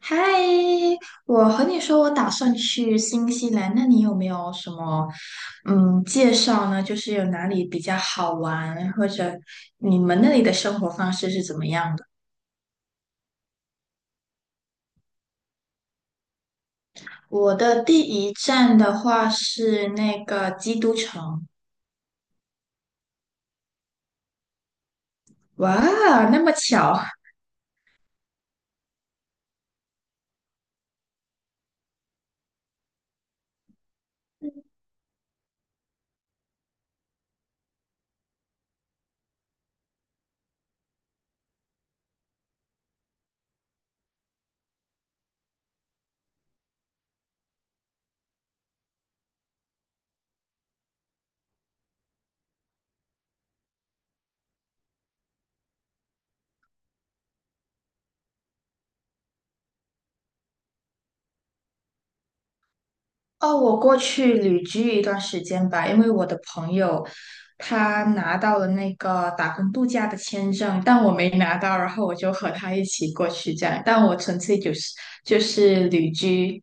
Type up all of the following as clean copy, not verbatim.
嗨，我和你说，我打算去新西兰，那你有没有什么介绍呢？就是有哪里比较好玩，或者你们那里的生活方式是怎么样的？我的第一站的话是那个基督城。哇，那么巧。哦，我过去旅居一段时间吧，因为我的朋友他拿到了那个打工度假的签证，但我没拿到，然后我就和他一起过去这样，但我纯粹就是旅居，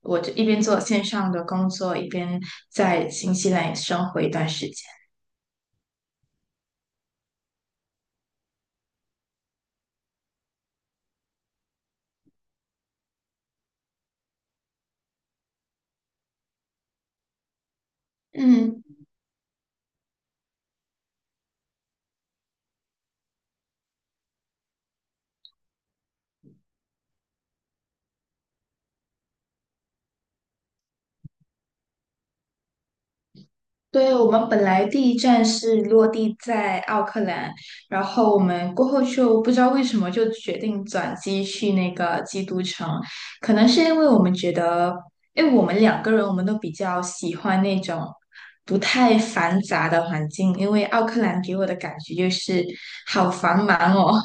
我就一边做线上的工作，一边在新西兰也生活一段时间。嗯。对，我们本来第一站是落地在奥克兰，然后我们过后就不知道为什么就决定转机去那个基督城。可能是因为我们觉得，因为我们两个人都比较喜欢那种不太繁杂的环境，因为奥克兰给我的感觉就是好繁忙哦。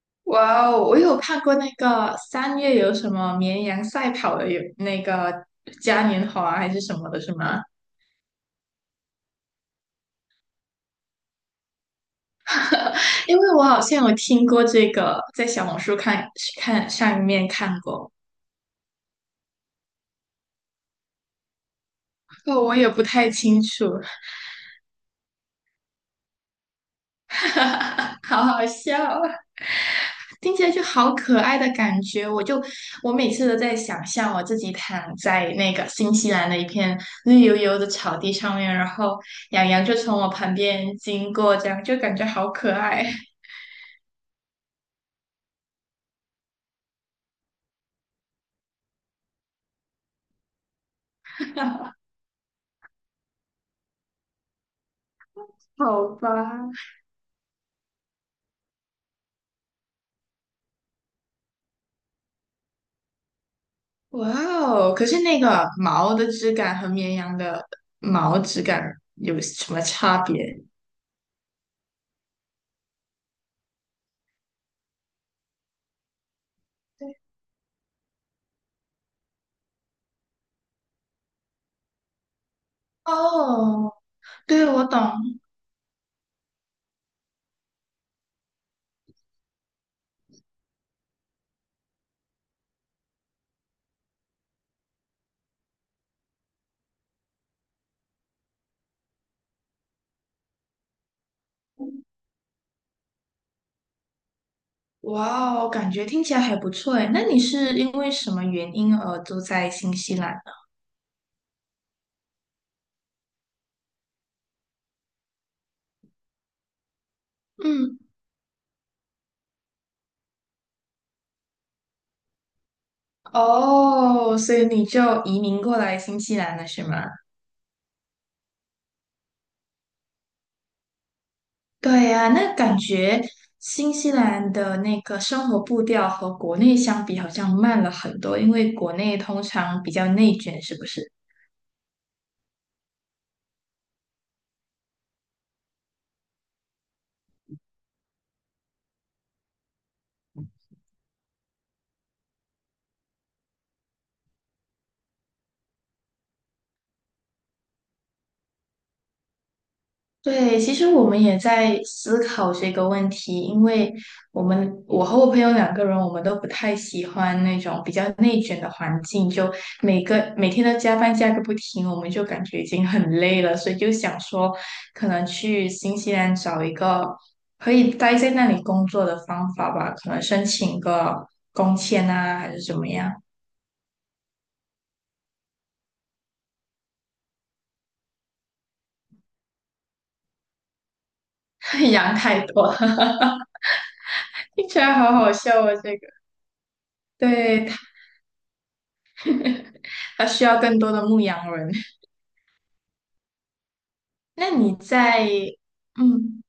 哇哦，我有看过那个三月有什么绵羊赛跑的，有那个嘉年华还是什么的，是吗？因为我好像有听过这个，在小红书看上面看过。不过我也不太清楚。好好笑啊，听起来就好可爱的感觉。我每次都在想象我自己躺在那个新西兰的一片绿油油的草地上面，然后羊羊就从我旁边经过，这样就感觉好可爱。好吧。哇哦！可是那个毛的质感和绵羊的毛质感有什么差别？哦，对，我懂。哇哦，感觉听起来还不错诶。那你是因为什么原因而住在新西兰呢？嗯。哦，所以你就移民过来新西兰了，是吗？对呀，那感觉新西兰的那个生活步调和国内相比，好像慢了很多，因为国内通常比较内卷，是不是？对，其实我们也在思考这个问题，因为我和我朋友两个人，我们都不太喜欢那种比较内卷的环境，就每天都加班加个不停，我们就感觉已经很累了，所以就想说，可能去新西兰找一个可以待在那里工作的方法吧，可能申请个工签啊，还是怎么样。羊太多了。听起来好好笑啊！这个，对，它需要更多的牧羊人。那你在，嗯，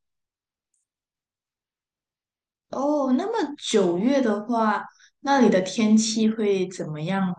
哦，那么九月的话，那里的天气会怎么样呢？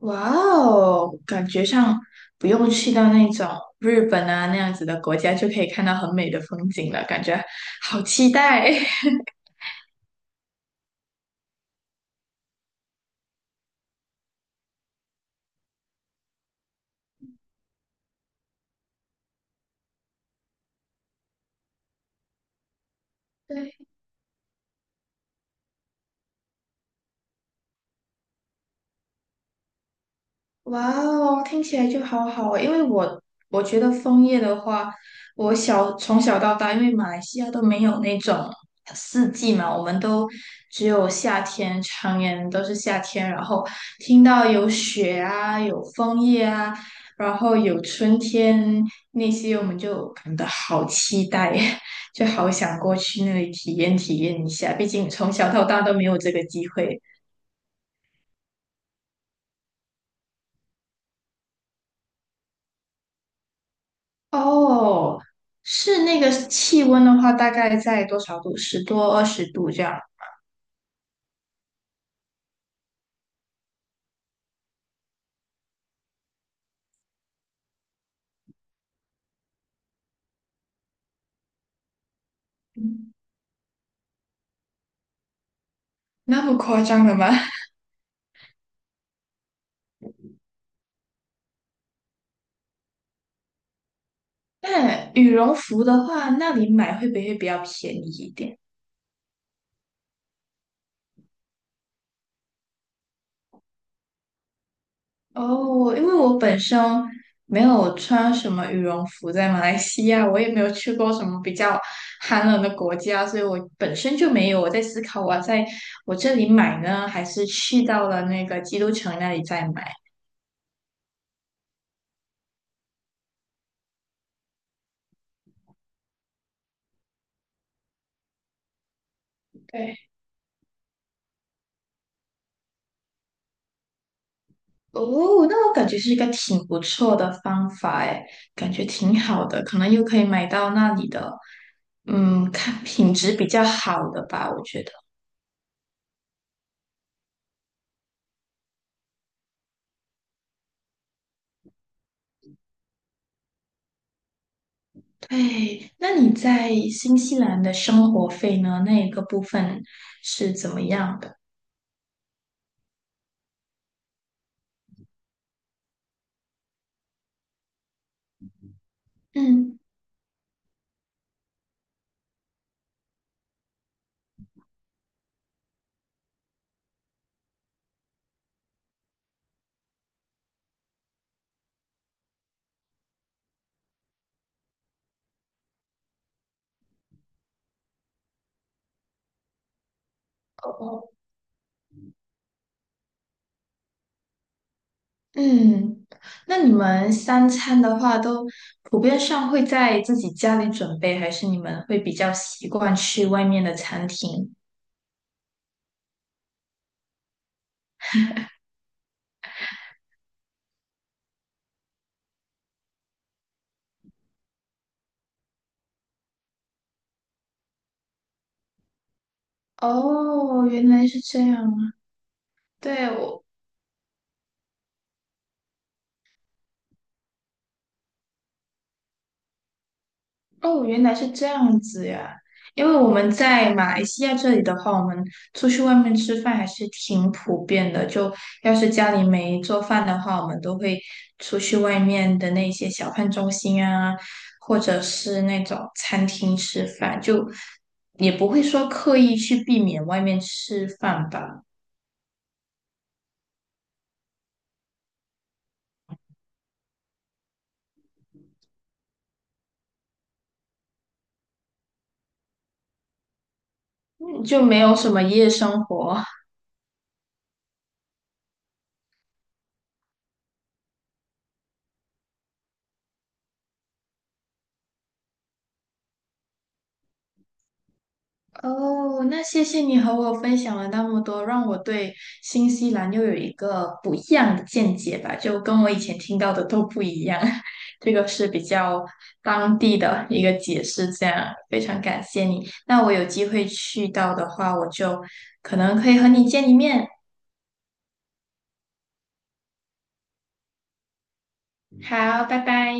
哇哦，感觉上不用去到那种日本啊那样子的国家，就可以看到很美的风景了，感觉好期待。对。哇哦，听起来就好好哦，因为我觉得枫叶的话，从小到大，因为马来西亚都没有那种四季嘛，我们都只有夏天，常年都是夏天。然后听到有雪啊，有枫叶啊，然后有春天那些，我们就感到好期待。就好想过去那里体验体验一下，毕竟从小到大都没有这个机会。哦，是那个气温的话，大概在多少度？十多、二十度这样。嗯那么夸张的吗？那羽绒服的话，那里买会不会比较便宜一点？哦，因为我本身没有穿什么羽绒服，在马来西亚，我也没有去过什么比较寒冷的国家，所以我本身就没有。我在思考，我要在我这里买呢，还是去到了那个基督城那里再买？对。哦，那我感觉是一个挺不错的方法哎，感觉挺好的，可能又可以买到那里的，嗯，看品质比较好的吧，我觉得。对，那你在新西兰的生活费呢？那一个部分是怎么样的？嗯。哦哦。嗯，那你们三餐的话，都普遍上会在自己家里准备，还是你们会比较习惯去外面的餐厅？哦，原来是这样。对，我。哦，原来是这样子呀。因为我们在马来西亚这里的话，我们出去外面吃饭还是挺普遍的。就要是家里没做饭的话，我们都会出去外面的那些小饭中心啊，或者是那种餐厅吃饭，就也不会说刻意去避免外面吃饭吧。嗯就没有什么夜生活。哦，那谢谢你和我分享了那么多，让我对新西兰又有一个不一样的见解吧，就跟我以前听到的都不一样。这个是比较当地的一个解释，这样非常感谢你。那我有机会去到的话，我就可能可以和你见一面。好，拜拜。